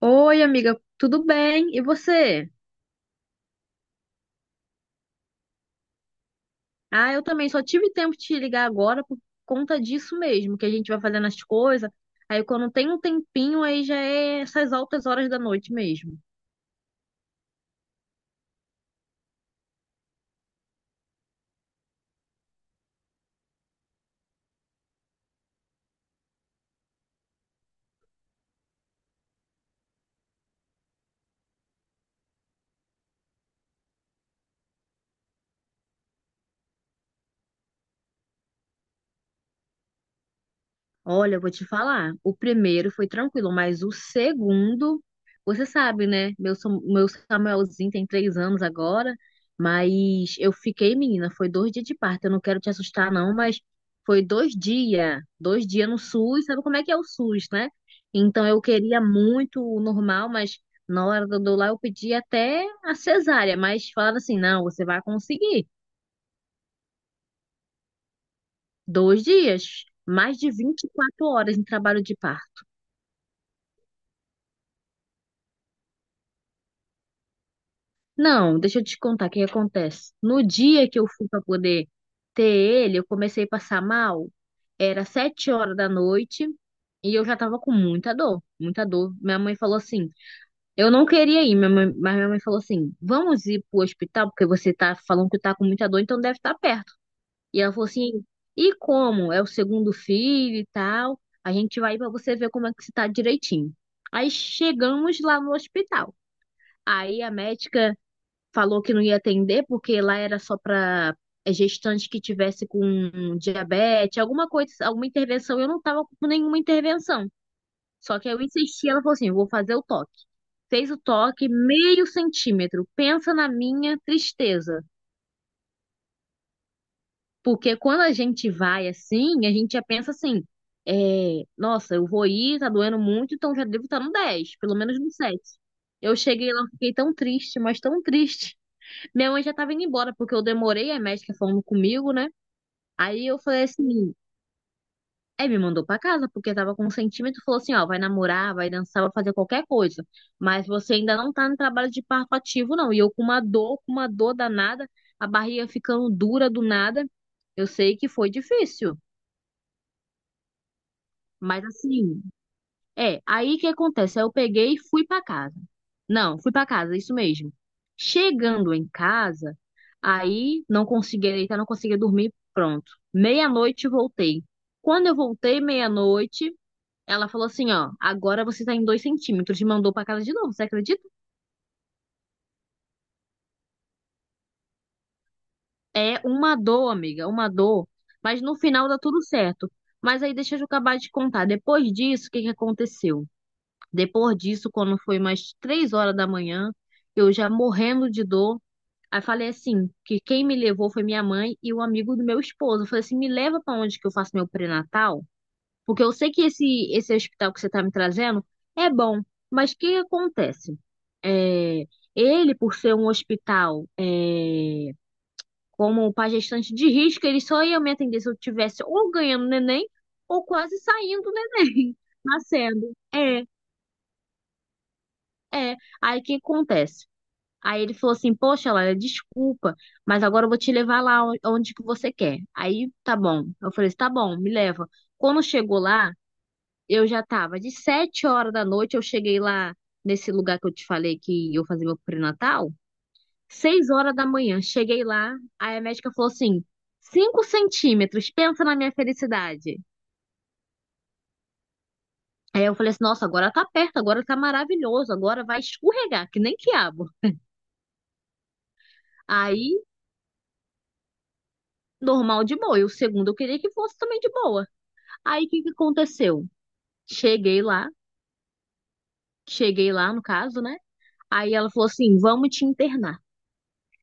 Oi, amiga, tudo bem? E você? Ah, eu também só tive tempo de te ligar agora por conta disso mesmo, que a gente vai fazendo as coisas. Aí quando tem um tempinho, aí já é essas altas horas da noite mesmo. Olha, eu vou te falar. O primeiro foi tranquilo, mas o segundo, você sabe, né? Meu, meu Samuelzinho tem 3 anos agora, mas eu fiquei, menina, foi 2 dias de parto. Eu não quero te assustar, não, mas foi 2 dias, 2 dias no SUS. Sabe como é que é o SUS, né? Então eu queria muito o normal, mas na hora do lá eu pedi até a cesárea, mas falaram assim, não, você vai conseguir. Dois dias, mais de 24 horas em trabalho de parto. Não, deixa eu te contar o que que acontece. No dia que eu fui para poder ter ele, eu comecei a passar mal. Era 7 horas da noite e eu já tava com muita dor, muita dor. Minha mãe falou assim: eu não queria ir, mas minha mãe falou assim: vamos ir pro hospital, porque você tá falando que tá com muita dor, então deve estar perto. E ela falou assim: e como? É o segundo filho e tal. A gente vai para você ver como é que você tá direitinho. Aí chegamos lá no hospital. Aí a médica falou que não ia atender porque lá era só para gestante que tivesse com diabetes, alguma coisa, alguma intervenção. Eu não estava com nenhuma intervenção. Só que eu insisti, ela falou assim: "Eu vou fazer o toque. Fez o toque meio centímetro. Pensa na minha tristeza. Porque quando a gente vai assim, a gente já pensa assim: é, nossa, eu vou ir, tá doendo muito, então já devo estar no 10 pelo menos no 7. Eu cheguei lá, fiquei tão triste, mas tão triste. Minha mãe já tava indo embora, porque eu demorei, a médica falando comigo, né? Aí eu falei assim, aí me mandou pra casa, porque tava com um sentimento, falou assim, ó, vai namorar, vai dançar, vai fazer qualquer coisa. Mas você ainda não tá no trabalho de parto ativo, não. E eu com uma dor danada, a barriga ficando dura do nada. Eu sei que foi difícil, mas assim, é, aí o que acontece? Aí eu peguei e fui pra casa. Não, fui pra casa, isso mesmo. Chegando em casa, aí não conseguia deitar, não conseguia dormir, pronto. Meia-noite voltei. Quando eu voltei, meia-noite, ela falou assim: ó, agora você tá em 2 centímetros. E mandou pra casa de novo, você acredita? É uma dor, amiga, uma dor. Mas no final dá tudo certo. Mas aí deixa eu acabar de contar. Depois disso, o que que aconteceu? Depois disso, quando foi mais 3 horas da manhã, eu já morrendo de dor. Aí falei assim, que quem me levou foi minha mãe e o amigo do meu esposo. Eu falei assim, me leva para onde que eu faço meu pré-natal, porque eu sei que esse hospital que você está me trazendo é bom, mas o que acontece? É, ele, por ser um hospital, é, como para gestante de risco, ele só ia me atender se eu tivesse ou ganhando neném ou quase saindo do neném, nascendo. É. É, aí o que acontece? Aí ele falou assim, poxa, Laila, desculpa, mas agora eu vou te levar lá onde que você quer. Aí, tá bom. Eu falei assim, tá bom, me leva. Quando chegou lá, eu já tava de 7 horas da noite, eu cheguei lá nesse lugar que eu te falei que eu fazia meu pré-natal, 6 horas da manhã, cheguei lá, aí a médica falou assim, 5 centímetros, pensa na minha felicidade. Aí eu falei assim, nossa, agora tá perto, agora tá maravilhoso, agora vai escorregar, que nem quiabo. Aí normal de boa. E o segundo eu queria que fosse também de boa. Aí o que que aconteceu? Cheguei lá, cheguei lá no caso, né? Aí ela falou assim: vamos te internar.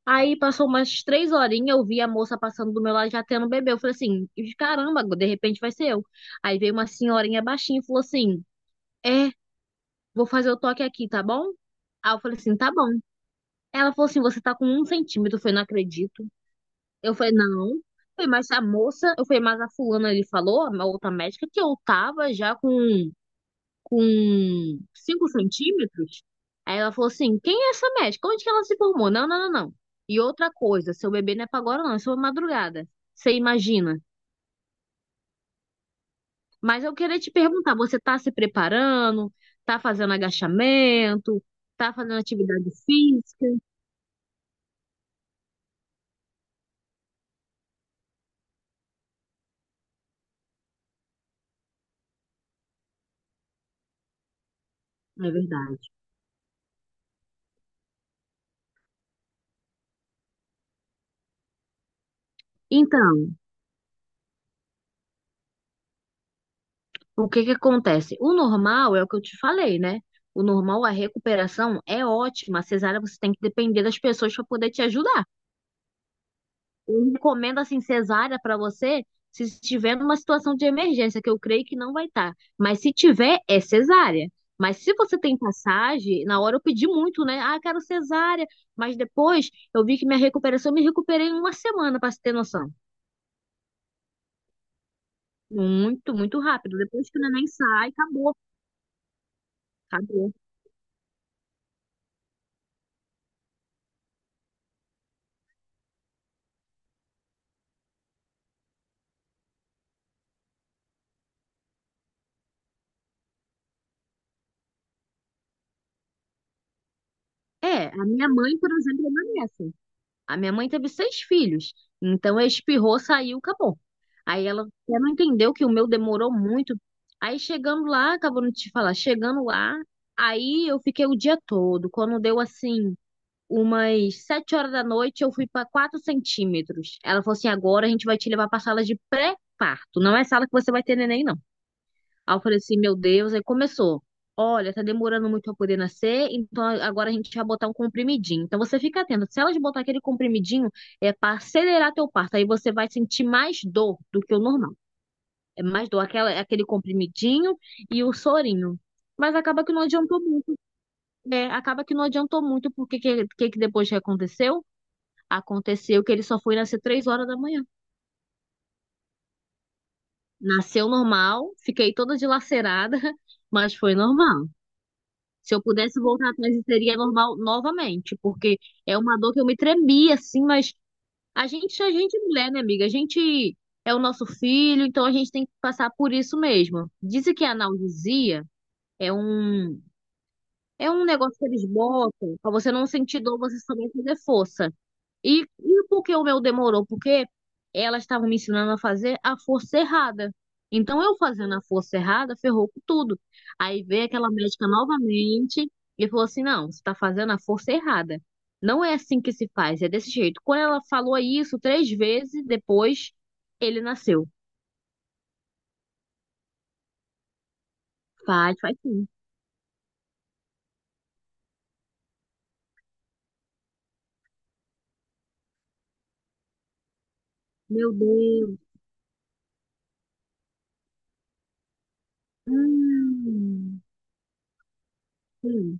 Aí passou umas três horinhas, eu vi a moça passando do meu lado já tendo bebê. Eu falei assim: caramba, de repente vai ser eu. Aí veio uma senhorinha baixinha e falou assim: é, vou fazer o toque aqui, tá bom? Aí eu falei assim: tá bom. Ela falou assim: você tá com 1 centímetro. Eu falei: não acredito. Eu falei, não. Foi mais a moça, eu falei, mas a fulana ele falou, a outra médica, que eu tava já com, com 5 centímetros. Aí ela falou assim, quem é essa médica? Onde que ela se formou? Não, não, não, não. E outra coisa, seu bebê não é pra agora não, é só madrugada. Você imagina. Mas eu queria te perguntar, você tá se preparando? Tá fazendo agachamento? Tá fazendo atividade física? É verdade. Então, o que que acontece? O normal é o que eu te falei, né? O normal, a recuperação é ótima. A cesárea você tem que depender das pessoas para poder te ajudar. Eu recomendo assim cesárea para você se estiver numa situação de emergência, que eu creio que não vai estar. Mas se tiver, é cesárea. Mas se você tem passagem, na hora eu pedi muito, né? Ah, quero cesárea. Mas depois eu vi que minha recuperação, eu me recuperei em uma semana, para você ter noção. Muito, muito rápido. Depois que o neném sai, acabou. Acabou. É, a minha mãe, por exemplo, é uma dessas. A minha mãe teve seis filhos, então ela espirrou, saiu, acabou. Aí ela até não entendeu que o meu demorou muito. Aí chegando lá, acabou de te falar, chegando lá, aí eu fiquei o dia todo. Quando deu assim, umas sete horas da noite, eu fui para 4 centímetros. Ela falou assim: agora a gente vai te levar para sala de pré-parto. Não é sala que você vai ter neném, não. Aí eu falei assim, meu Deus, aí começou. Olha, tá demorando muito pra poder nascer, então agora a gente vai botar um comprimidinho. Então você fica atento, se elas botar aquele comprimidinho, é para acelerar teu parto, aí você vai sentir mais dor do que o normal. É mais dor, aquela, aquele comprimidinho e o sorinho. Mas acaba que não adiantou muito, é, acaba que não adiantou muito, porque que depois que aconteceu? Aconteceu que ele só foi nascer 3 horas da manhã. Nasceu normal, fiquei toda dilacerada, mas foi normal. Se eu pudesse voltar atrás, e seria normal novamente, porque é uma dor que eu me tremia, assim, mas a gente é mulher, né, amiga? A gente é o nosso filho, então a gente tem que passar por isso mesmo. Dizem que a analgesia é um é um negócio que eles botam pra você não sentir dor, você também fazer força. E por que o meu demorou? Porque elas estavam me ensinando a fazer a força errada. Então, eu fazendo a força errada, ferrou com tudo. Aí veio aquela médica novamente e falou assim: não, você está fazendo a força errada. Não é assim que se faz, é desse jeito. Quando ela falou isso três vezes depois, ele nasceu. Faz, faz sim. Meu Deus. Hum, sim.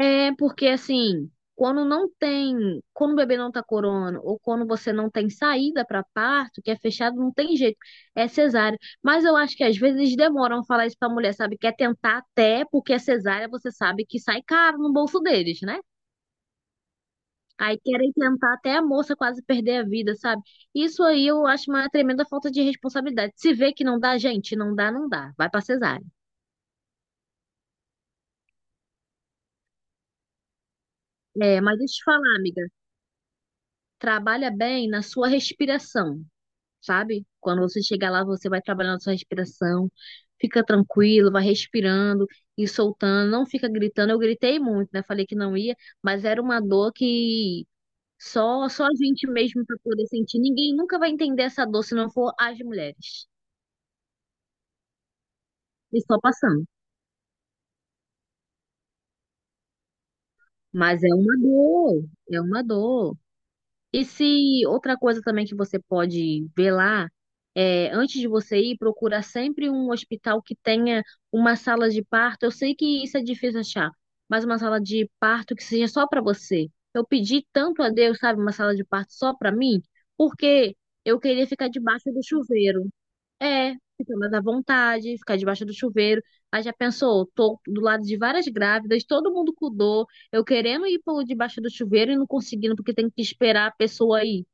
É porque assim, quando não tem, quando o bebê não tá corona, ou quando você não tem saída para parto, que é fechado, não tem jeito, é cesárea. Mas eu acho que às vezes eles demoram a falar isso pra mulher, sabe? Quer tentar até, porque a cesárea você sabe que sai caro no bolso deles, né? Aí querem tentar até a moça quase perder a vida, sabe? Isso aí eu acho uma tremenda falta de responsabilidade. Se vê que não dá, gente, não dá, não dá. Vai pra cesárea. É, mas deixa eu te falar, amiga. Trabalha bem na sua respiração. Sabe? Quando você chegar lá, você vai trabalhando a sua respiração, fica tranquilo, vai respirando e soltando, não fica gritando. Eu gritei muito, né? Falei que não ia, mas era uma dor que só a gente mesmo para poder sentir. Ninguém nunca vai entender essa dor se não for as mulheres. E só passando. Mas é uma dor, é uma dor. E se outra coisa também que você pode ver lá, é, antes de você ir, procura sempre um hospital que tenha uma sala de parto. Eu sei que isso é difícil achar, mas uma sala de parto que seja só para você. Eu pedi tanto a Deus, sabe, uma sala de parto só para mim, porque eu queria ficar debaixo do chuveiro. É, fica mais à vontade, ficar debaixo do chuveiro. Aí já pensou, tô do lado de várias grávidas, todo mundo com dor, eu querendo ir por debaixo do chuveiro e não conseguindo, porque tem que esperar a pessoa ir.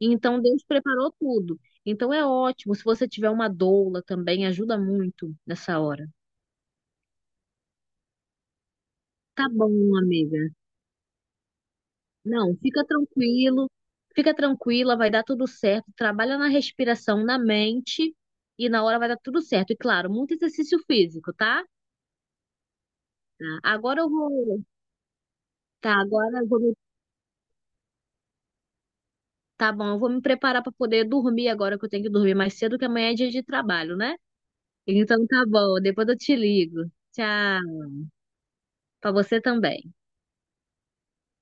Então Deus preparou tudo. Então é ótimo. Se você tiver uma doula também, ajuda muito nessa hora. Tá bom, amiga. Não, fica tranquilo, fica tranquila, vai dar tudo certo. Trabalha na respiração, na mente, e na hora vai dar tudo certo. E claro, muito exercício físico, tá? Tá. Agora eu vou. Tá, agora eu vou me... Tá bom, eu vou me preparar para poder dormir agora, que eu tenho que dormir mais cedo, que amanhã é dia de trabalho, né? Então tá bom, depois eu te ligo. Tchau, para você também.